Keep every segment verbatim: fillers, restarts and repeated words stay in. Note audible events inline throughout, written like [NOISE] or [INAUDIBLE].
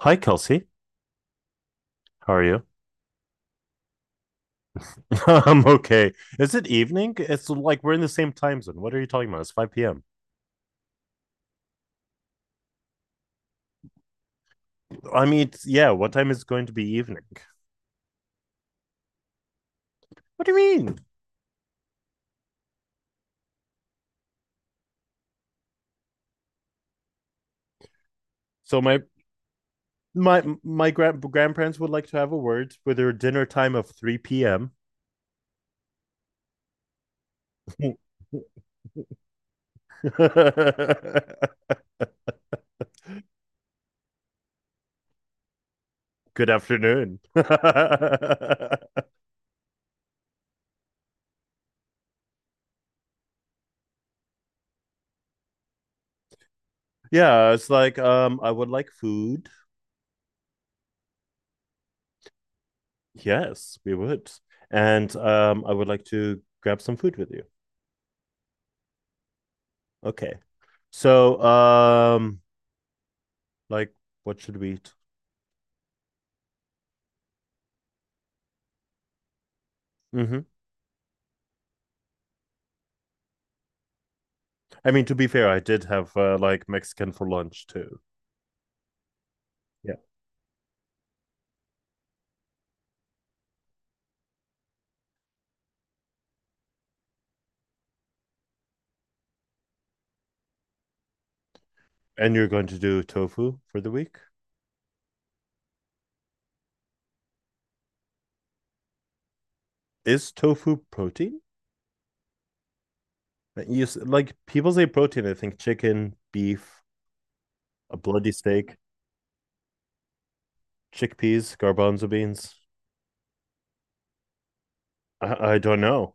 Hi, Kelsey. How are you? [LAUGHS] I'm okay. Is it evening? It's like we're in the same time zone. What are you talking about? It's five p m. I mean, it's- yeah, what time is it going to be evening? What do you mean? So my my my grand grandparents would like to have a word with their dinner time of three p m [LAUGHS] Good afternoon. [LAUGHS] Yeah, it's like um I would like food. Yes, we would. And um I would like to grab some food with you. Okay. So, um, like, what should we eat? Hmm I mean, to be fair, I did have uh, like Mexican for lunch too. Yeah. And you're going to do tofu for the week? Is tofu protein? Uh, You s- like people say protein, I think chicken, beef, a bloody steak, chickpeas, garbanzo beans. I, I don't know.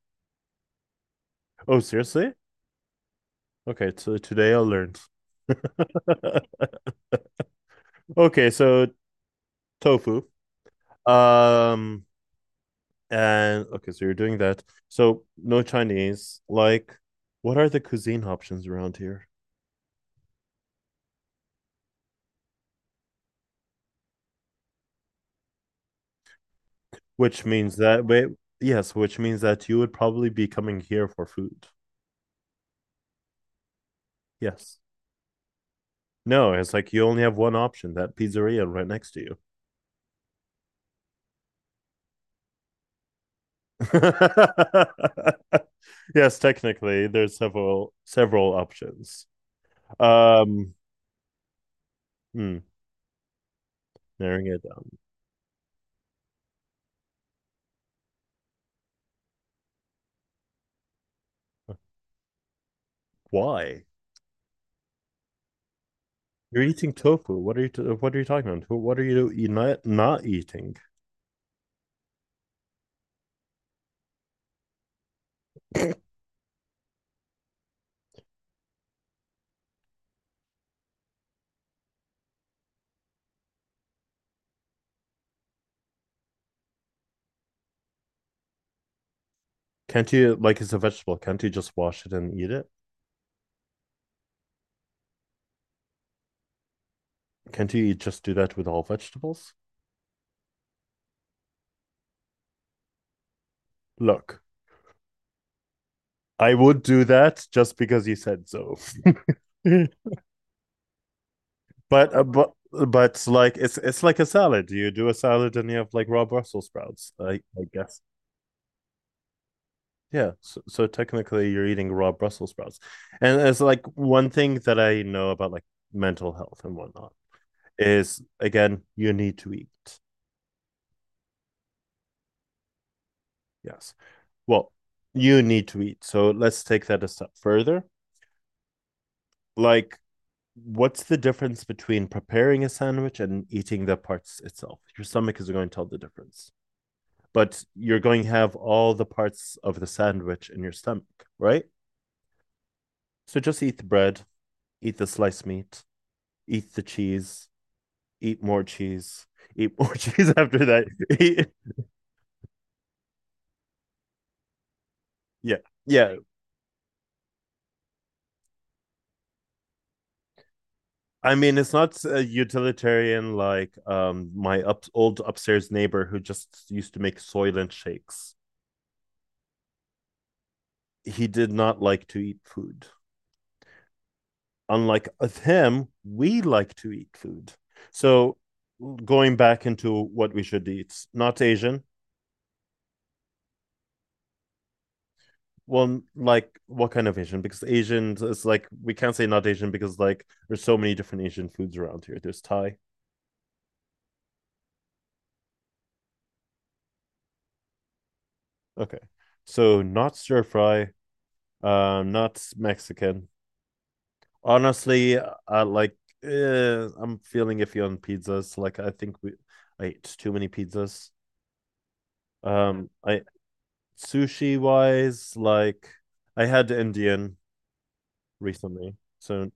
[LAUGHS] Oh, seriously? Okay, so today I learned. [LAUGHS] Okay, so tofu. Um, And okay, so you're doing that. So no Chinese. Like, what are the cuisine options around here? Which means that wait, Yes, which means that you would probably be coming here for food. Yes. No, it's like you only have one option, that pizzeria right next to you. [LAUGHS] Yes, technically, there's several several options. Um, hmm, Narrowing it down. Why? You're eating tofu. What are you? T- what are you talking about? What are you, you not not eating? Can't you like It's a vegetable. Can't you just wash it and eat it? Can't you just do that with all vegetables? Look, I would do that just because you said so. [LAUGHS] but uh, but but like it's it's like a salad. You do a salad and you have like raw Brussels sprouts. I I guess. Yeah, so, so technically you're eating raw Brussels sprouts. And it's like one thing that I know about like mental health and whatnot is, again, you need to eat. Yes. Well, you need to eat. So let's take that a step further. Like, what's the difference between preparing a sandwich and eating the parts itself? Your stomach is going to tell the difference, but you're going to have all the parts of the sandwich in your stomach, right? So just eat the bread, eat the sliced meat, eat the cheese, eat more cheese, eat more [LAUGHS] cheese after that. [LAUGHS] Yeah. Yeah. I mean, it's not uh, utilitarian like um, my up- old upstairs neighbor who just used to make Soylent shakes. He did not like to eat food. Unlike uh, him, we like to eat food. So, going back into what we should eat, not Asian. Well, like what kind of Asian? Because Asian is like we can't say not Asian because like there's so many different Asian foods around here. There's Thai. Okay, so not stir fry. Um, not Mexican honestly, uh, like eh, I'm feeling iffy on pizzas. Like I think we I ate too many pizzas. Um, I Sushi wise, like I had Indian recently, so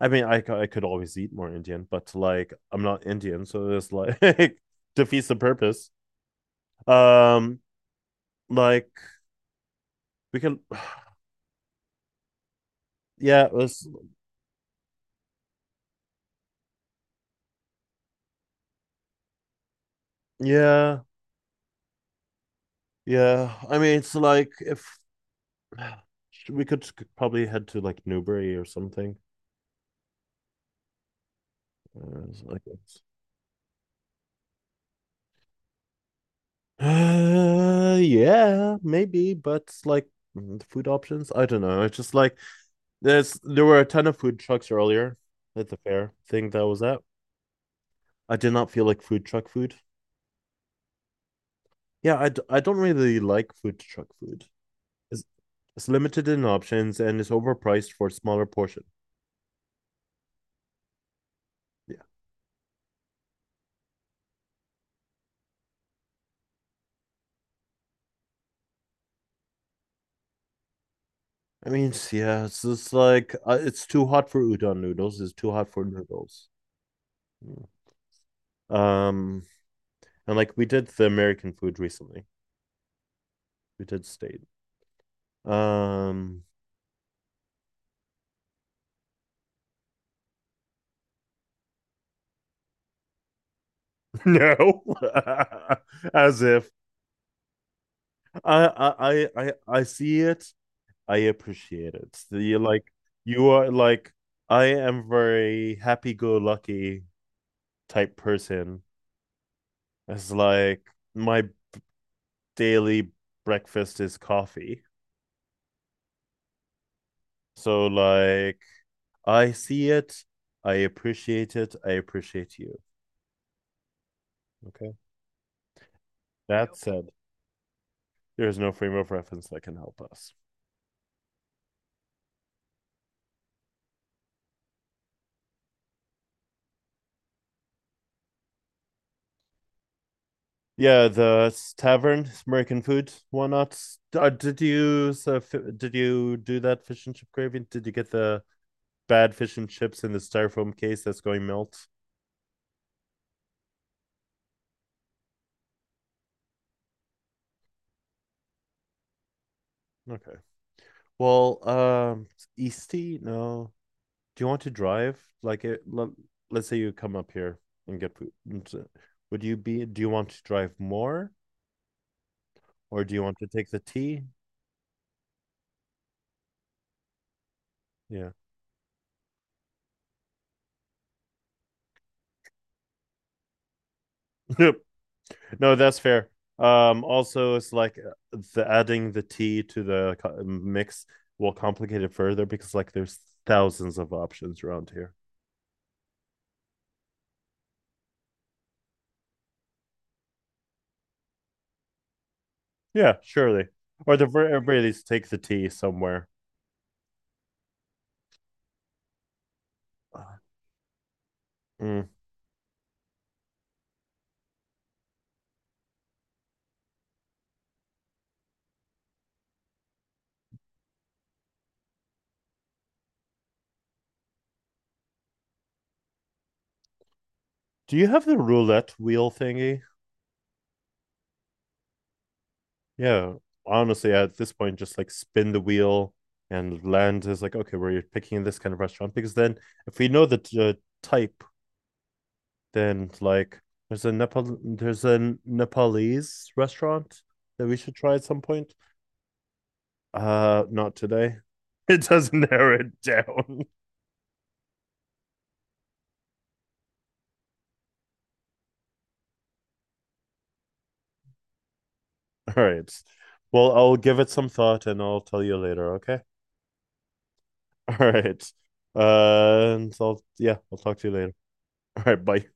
I mean I c- I could always eat more Indian, but like I'm not Indian, so it's like [LAUGHS] defeats the purpose. Um, like we can, [SIGHS] yeah, it was yeah, yeah. I mean it's like if [SIGHS] we could probably head to like Newbury or something. Uh, It's like it's- Uh, yeah, maybe, but like mm, the food options, I don't know. It's just like there's there were a ton of food trucks earlier at the fair thing that I was at. I did not feel like food truck food. Yeah, I, d- I don't really like food truck food. It's, it's limited in options and it's overpriced for a smaller portion. Yeah, I mean, it's- yeah, it's just like uh, it's too hot for udon noodles. It's too hot for noodles. Mm. Um, and like we did the American food recently. We did state. Um, no, [LAUGHS] as if I, I, I, I see it. I appreciate it. You like you are like I am very happy-go-lucky type person. It's like my daily breakfast is coffee. So like I see it, I appreciate it, I appreciate you. Okay. That said, there is no frame of reference that can help us. Yeah, the tavern, American food, why not? Uh, did you so fi- did you do that fish and chip gravy? Did you get the bad fish and chips in the styrofoam case that's going melt? Okay. Well, um, Eastie, no. Do you want to drive? Like, it, let, let's say you come up here and get food. and so- Would you be? Do you want to drive more, or do you want to take the T? Yeah. [LAUGHS] No, that's fair. Um, also, it's like uh, the adding the tea to the mix will complicate it further because like there's thousands of options around here. Yeah, surely. Or the ver- at very least take the tea somewhere. Uh, Mm. Do you have the roulette wheel thingy? Yeah. Honestly, at this point, just like spin the wheel and land is like okay, we're picking this kind of restaurant because then if we know the uh, type then like there's a Nepal there's a Nepalese restaurant that we should try at some point. Uh, not today. [LAUGHS] It does narrow it down. [LAUGHS] All right. Well, I'll give it some thought and I'll tell you later, okay? [LAUGHS] All right. Uh, and so I'll, yeah, I'll talk to you later. All right, bye.